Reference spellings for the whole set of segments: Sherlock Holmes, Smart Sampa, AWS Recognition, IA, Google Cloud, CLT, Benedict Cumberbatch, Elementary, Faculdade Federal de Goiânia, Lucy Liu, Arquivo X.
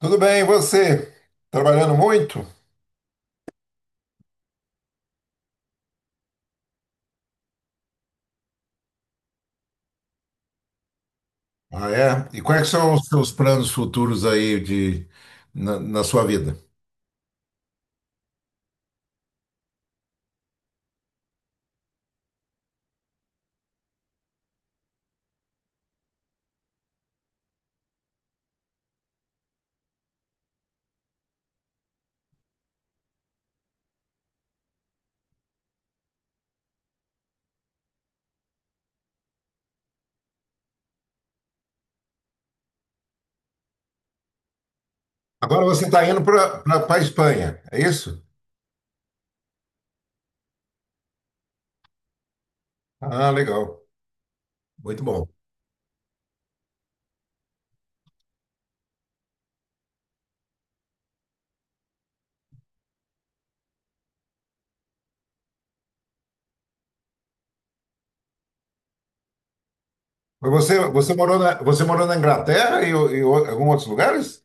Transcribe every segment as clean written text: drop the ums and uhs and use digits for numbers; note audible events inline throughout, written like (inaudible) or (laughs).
Tudo bem, e você? Trabalhando muito? Ah, é? E quais são os seus planos futuros aí na sua vida? Agora você está indo para a Espanha, é isso? Ah, legal. Muito bom. Mas você morou na Inglaterra e, alguns outros lugares?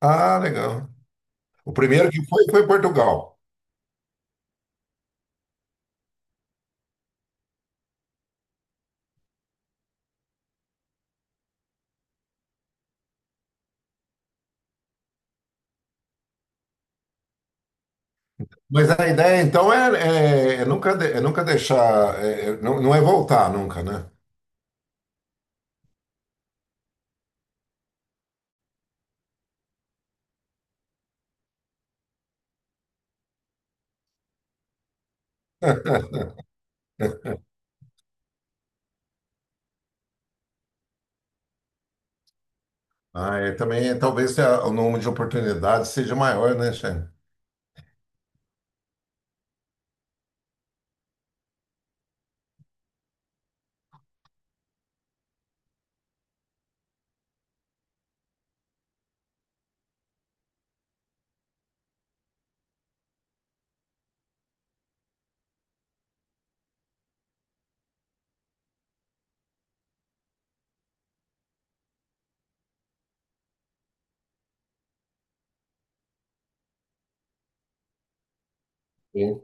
Ah, legal. O primeiro que foi Portugal. Mas a ideia então é, é- é nunca, de- é nunca deixar, não, não é voltar nunca, né? (laughs) Ah, é, também, talvez o número de oportunidades seja maior, né, Shane? Sim.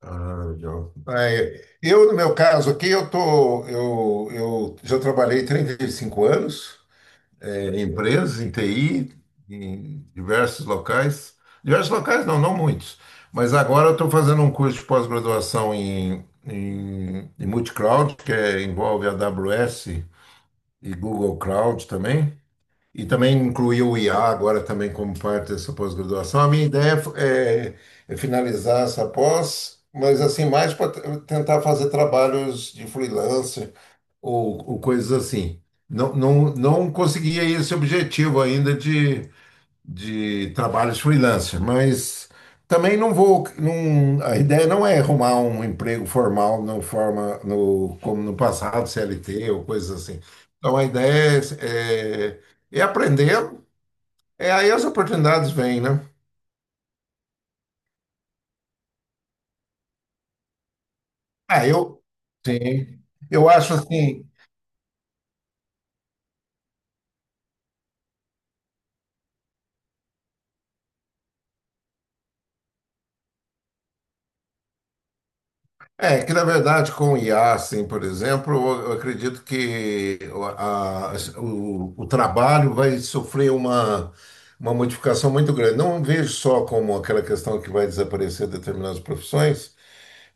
Ah, legal. Ah, é. Eu, no meu caso aqui, eu já trabalhei 35 anos, em empresas, em TI, em diversos locais. Diversos locais não, não muitos. Mas agora eu estou fazendo um curso de pós-graduação em multicloud, envolve AWS e Google Cloud também. E também incluiu o IA agora também como parte dessa pós-graduação. A minha ideia é finalizar essa pós, mas assim, mais para tentar fazer trabalhos de freelancer ou coisas assim. Não, não, consegui aí esse objetivo ainda de trabalhos freelancer, mas também não vou, não, a ideia não é arrumar um emprego formal no forma no como no passado, CLT ou coisas assim. Então a ideia é aprender, é aí as oportunidades vêm, né? Ah, eu sim. Eu acho assim, que na verdade com o IA, assim, por exemplo, eu acredito que o trabalho vai sofrer uma modificação muito grande. Não vejo só como aquela questão que vai desaparecer determinadas profissões,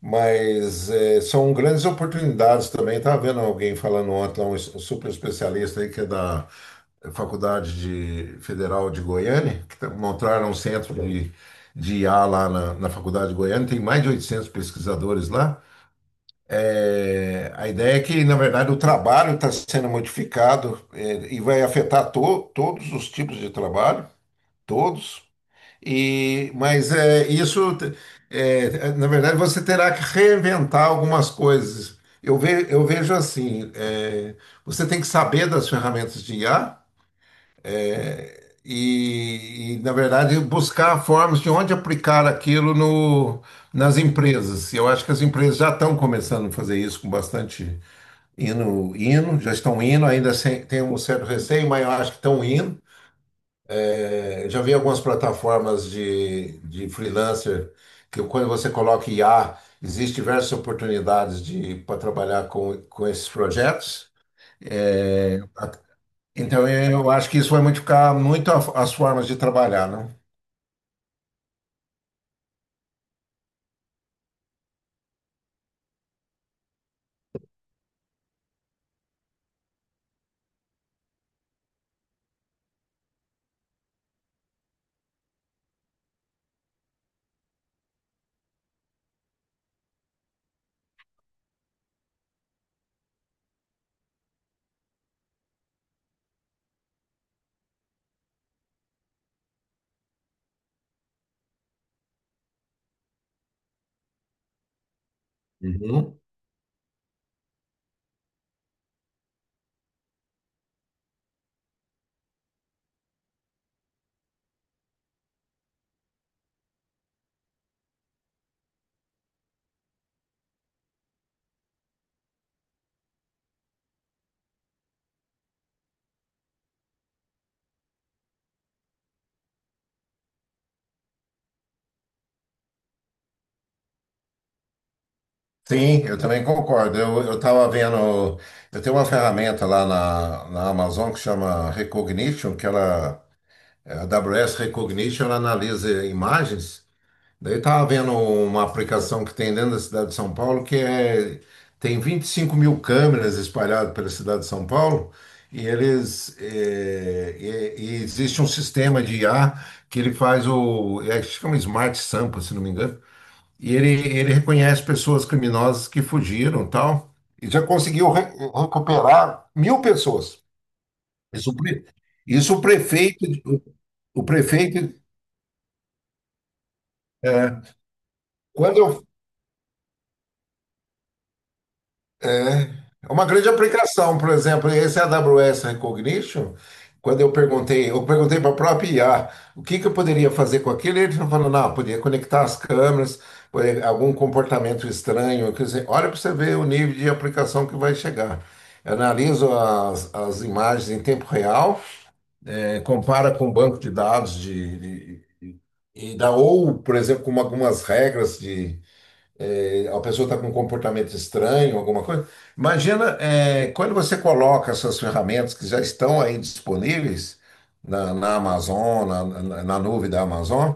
mas é, são grandes oportunidades também. Estava vendo alguém falando ontem, lá, um super especialista aí que é da Faculdade Federal de Goiânia, montaram um centro de IA lá na Faculdade de Goiânia, tem mais de 800 pesquisadores lá, a ideia é que, na verdade, o trabalho está sendo modificado, e vai afetar todos os tipos de trabalho, todos. E, mas é, isso, é, na verdade, você terá que reinventar algumas coisas. Eu vejo assim, é, você tem que saber das ferramentas de IA e, na verdade, buscar formas de onde aplicar aquilo no, nas empresas. Eu acho que as empresas já estão começando a fazer isso com bastante. Indo, já estão indo, ainda sem, tem um certo receio, mas eu acho que estão indo. É, já vi algumas plataformas de freelancer que quando você coloca IA, existem diversas oportunidades de para trabalhar com esses projetos. É, a- então eu acho que isso vai modificar muito as formas de trabalhar, né? Uhum. Sim, eu também concordo. Eu estava vendo, eu tenho uma ferramenta lá na Amazon que chama Recognition, a AWS Recognition ela analisa imagens. Daí estava vendo uma aplicação que tem dentro da cidade de São Paulo tem 25.000 câmeras espalhadas pela cidade de São Paulo e eles e existe um sistema de IA que ele faz chama Smart Sampa se não me engano, e ele reconhece pessoas criminosas que fugiram, e tal, e já conseguiu recuperar 1.000 pessoas. Isso, isso o prefeito, o prefeito é. Quando eu, é, é uma grande aplicação, por exemplo, esse AWS Recognition, quando eu perguntei, para a própria IA o que que eu poderia fazer com aquilo, ele falou, não, podia conectar as câmeras, algum comportamento estranho, quer dizer, olha para você ver o nível de aplicação que vai chegar. Eu analiso as imagens em tempo real, compara com o banco de dados e dá, ou, por exemplo, com algumas regras a pessoa está com um comportamento estranho, alguma coisa. Imagina, é, quando você coloca essas ferramentas que já estão aí disponíveis na Amazon, na nuvem da Amazon,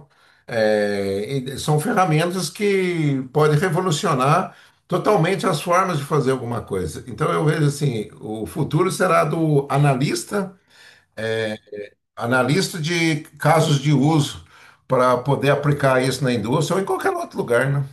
é, e são ferramentas que podem revolucionar totalmente as formas de fazer alguma coisa. Então eu vejo assim, o futuro será do analista, analista de casos de uso para poder aplicar isso na indústria ou em qualquer outro lugar, né?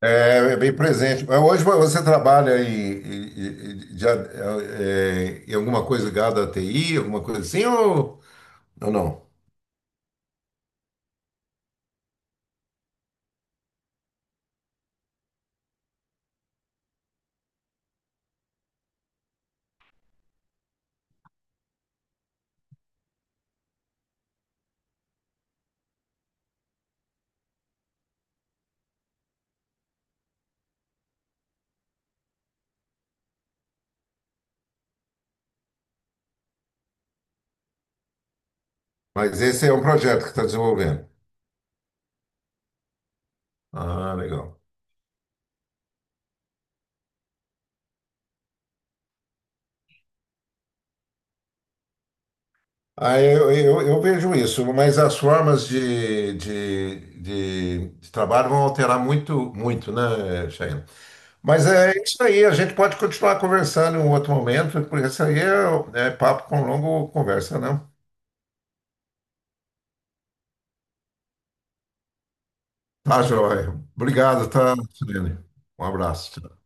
É bem presente. Mas hoje você trabalha em alguma coisa ligada à TI, alguma coisa assim, ou não? Mas esse é um projeto que está desenvolvendo. Ah, legal. Ah, eu vejo isso, mas as formas de trabalho vão alterar muito, muito, né, Cheyenne? Mas é isso aí, a gente pode continuar conversando em um outro momento, porque isso aí é papo com longo conversa, né? Tá, joia. Obrigado, tá, Sirene? Um abraço. Tchau.